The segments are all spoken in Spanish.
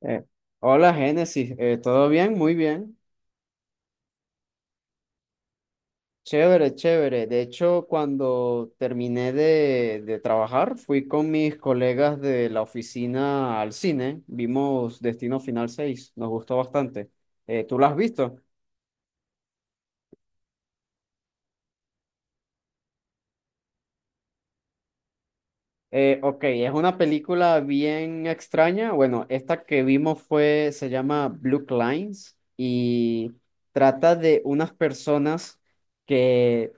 Eh, Hola Génesis, ¿todo bien? Muy bien. Chévere, chévere. De hecho, cuando terminé de trabajar, fui con mis colegas de la oficina al cine. Vimos Destino Final 6, nos gustó bastante. ¿Tú la has visto? Ok, es una película bien extraña. Bueno, esta que vimos fue, se llama Blue Lines y trata de unas personas que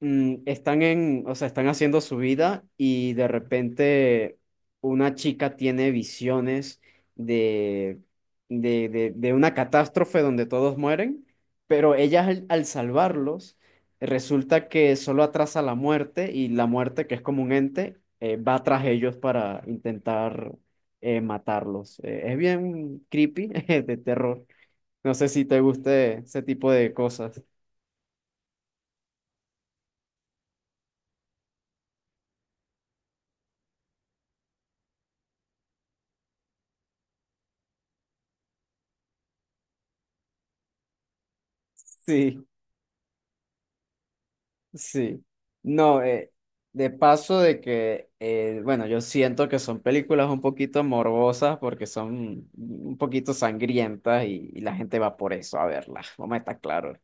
están en, o sea, están haciendo su vida y de repente una chica tiene visiones de, de una catástrofe donde todos mueren, pero ella al salvarlos resulta que solo atrasa la muerte y la muerte, que es como un ente, va tras ellos para intentar matarlos. Es bien creepy, de terror. No sé si te guste ese tipo de cosas. Sí. Sí, no, de paso de que, bueno, yo siento que son películas un poquito morbosas porque son un poquito sangrientas y la gente va por eso a verlas, vamos a estar claros.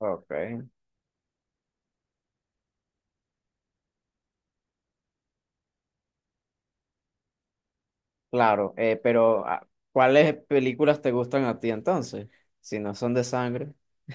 Ok. Claro, pero ¿cuáles películas te gustan a ti entonces? Si no son de sangre.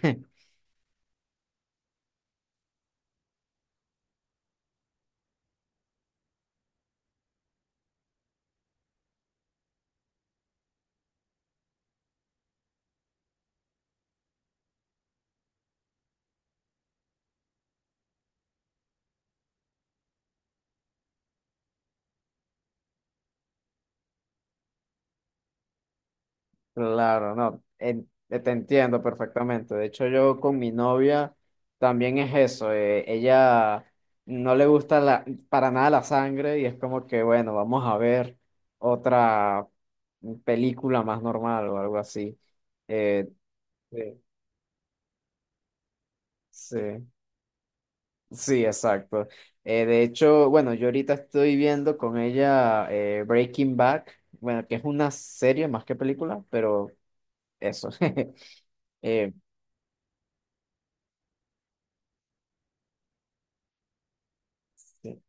Claro, no, te entiendo perfectamente. De hecho, yo con mi novia también es eso. Ella no le gusta para nada la sangre y es como que, bueno, vamos a ver otra película más normal o algo así. Eh, Sí. Sí, sí, exacto. De hecho, bueno, yo ahorita estoy viendo con ella Breaking Bad, bueno, que es una serie más que película, pero eso. Eh, sí.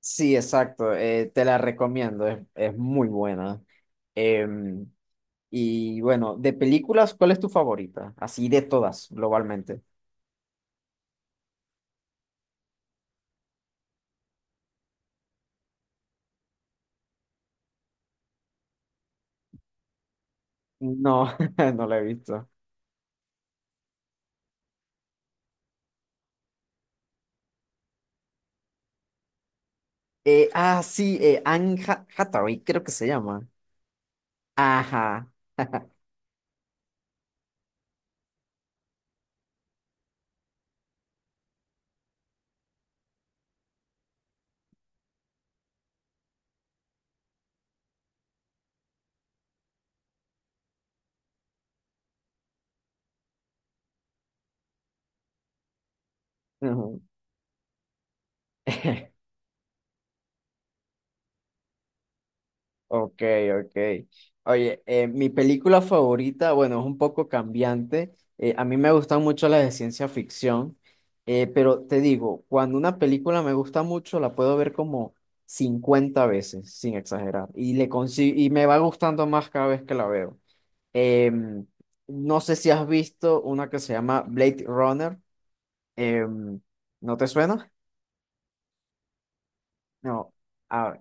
Sí, exacto. Te la recomiendo. Es muy buena. Em, y bueno, de películas, ¿cuál es tu favorita? Así de todas, globalmente. No, no la he visto. Sí, Anne Hathaway, creo que se llama. Ajá. Ujú. Ok, ok. Oye, mi película favorita, bueno, es un poco cambiante. A mí me gustan mucho las de ciencia ficción, pero te digo, cuando una película me gusta mucho, la puedo ver como 50 veces, sin exagerar, y me va gustando más cada vez que la veo. Em, no sé si has visto una que se llama Blade Runner. Em, ¿No te suena? No. Ah,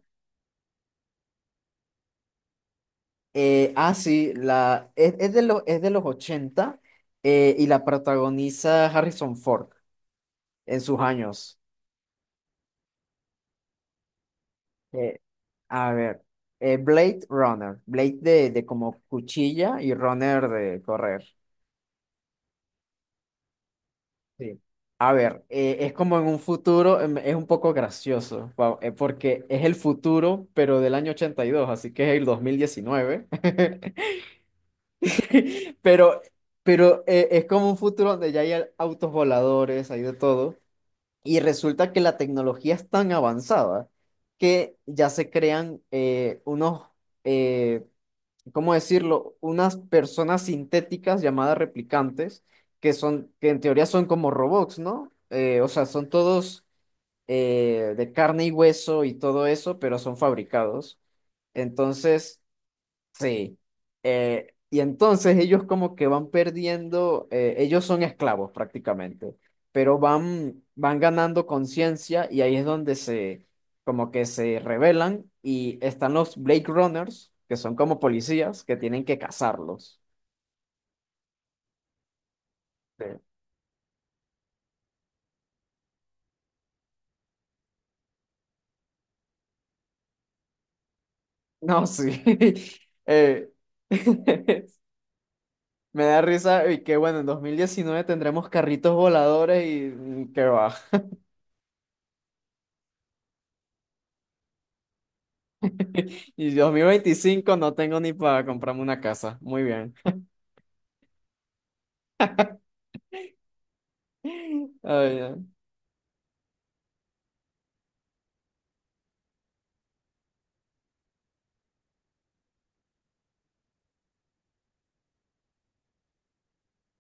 Sí, es de los 80, y la protagoniza Harrison Ford en sus años. Eh, a ver, Blade Runner, Blade de como cuchilla y Runner de correr. Sí. A ver, es como en un futuro, es un poco gracioso. Wow, porque es el futuro, pero del año 82, así que es el 2019. Pero, pero es como un futuro donde ya hay autos voladores, hay de todo. Y resulta que la tecnología es tan avanzada que ya se crean eh, ¿cómo decirlo? Unas personas sintéticas llamadas replicantes, que son, que en teoría son como robots, ¿no? O sea, son todos de carne y hueso y todo eso, pero son fabricados. Entonces. Sí. Y entonces ellos como que van perdiendo. Ellos son esclavos prácticamente, pero van ganando conciencia y ahí es donde como que se rebelan y están los Blade Runners, que son como policías que tienen que cazarlos. Sí. No, sí. Eh, me da risa y que bueno, en 2019 tendremos carritos voladores y que va. Y 2025 no tengo ni para comprarme una casa. Muy bien. Ay, ay.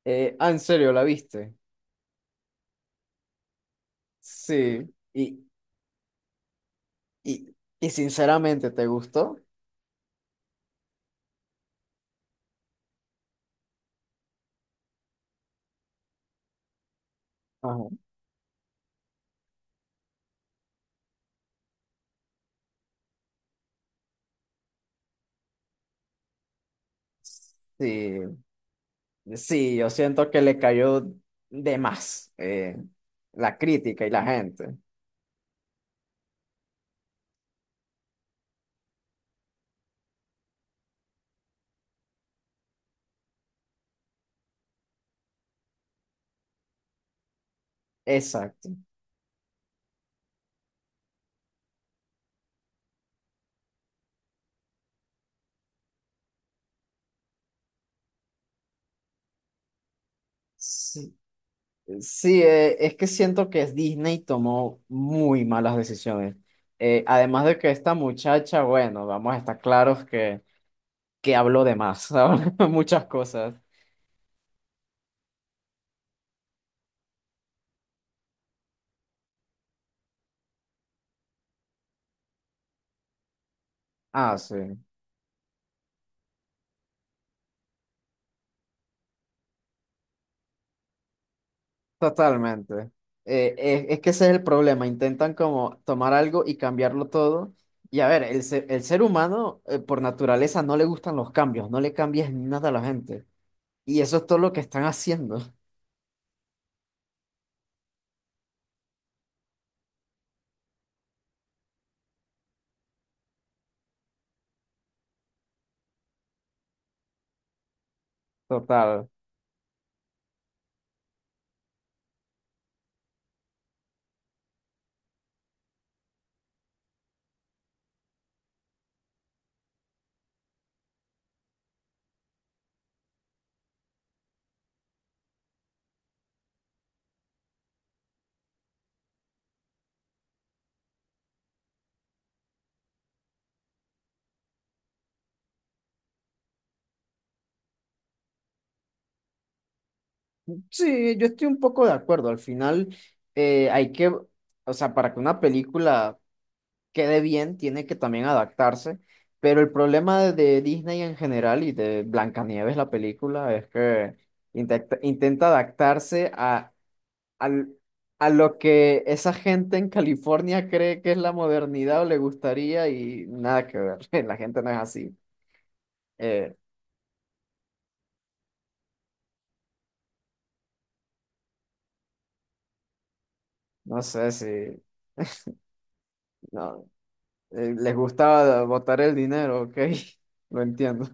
¿En serio la viste? Sí. Y, y, y sinceramente, ¿te gustó? Ajá. Sí, sí, yo siento que le cayó de más la crítica y la gente. Exacto. Sí, sí, es que siento que Disney tomó muy malas decisiones. Además de que esta muchacha, bueno, vamos a estar claros que habló de más, ¿sabes? Muchas cosas. Ah, sí, totalmente. Es que ese es el problema, intentan como tomar algo y cambiarlo todo. Y a ver, el ser humano, por naturaleza no le gustan los cambios, no le cambies nada a la gente. Y eso es todo lo que están haciendo. Total. Sí, yo estoy un poco de acuerdo. Al final, hay que, o sea, para que una película quede bien, tiene que también adaptarse. Pero el problema de Disney en general y de Blancanieves, la película, es que intenta adaptarse al- a lo que esa gente en California cree que es la modernidad o le gustaría y nada que ver. La gente no es así. Eh, no sé si no, les gusta botar el dinero, ok. Lo entiendo.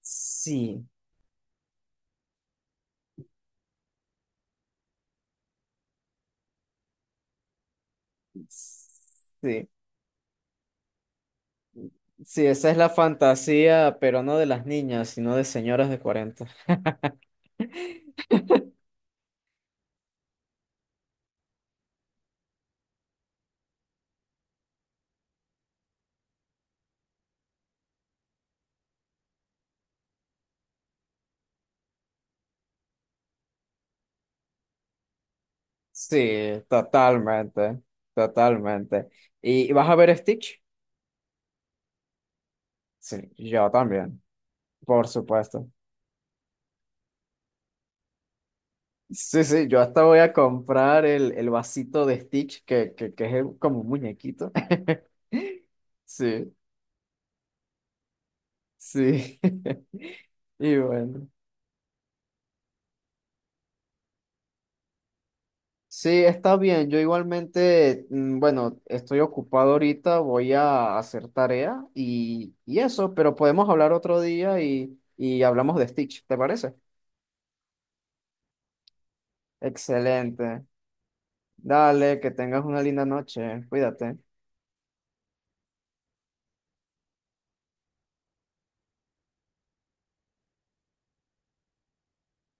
Sí, sí. Sí, esa es la fantasía, pero no de las niñas, sino de señoras de 40. Sí, totalmente, totalmente. ¿Y vas a ver Stitch? Sí, yo también, por supuesto. Sí, sí, yo hasta voy a comprar el vasito de Stitch, que es como un muñequito. Sí, sí. Y bueno. Sí, está bien. Yo igualmente, bueno, estoy ocupado ahorita, voy a hacer tarea y eso, pero podemos hablar otro día y hablamos de Stitch, ¿te parece? Excelente. Dale, que tengas una linda noche. Cuídate.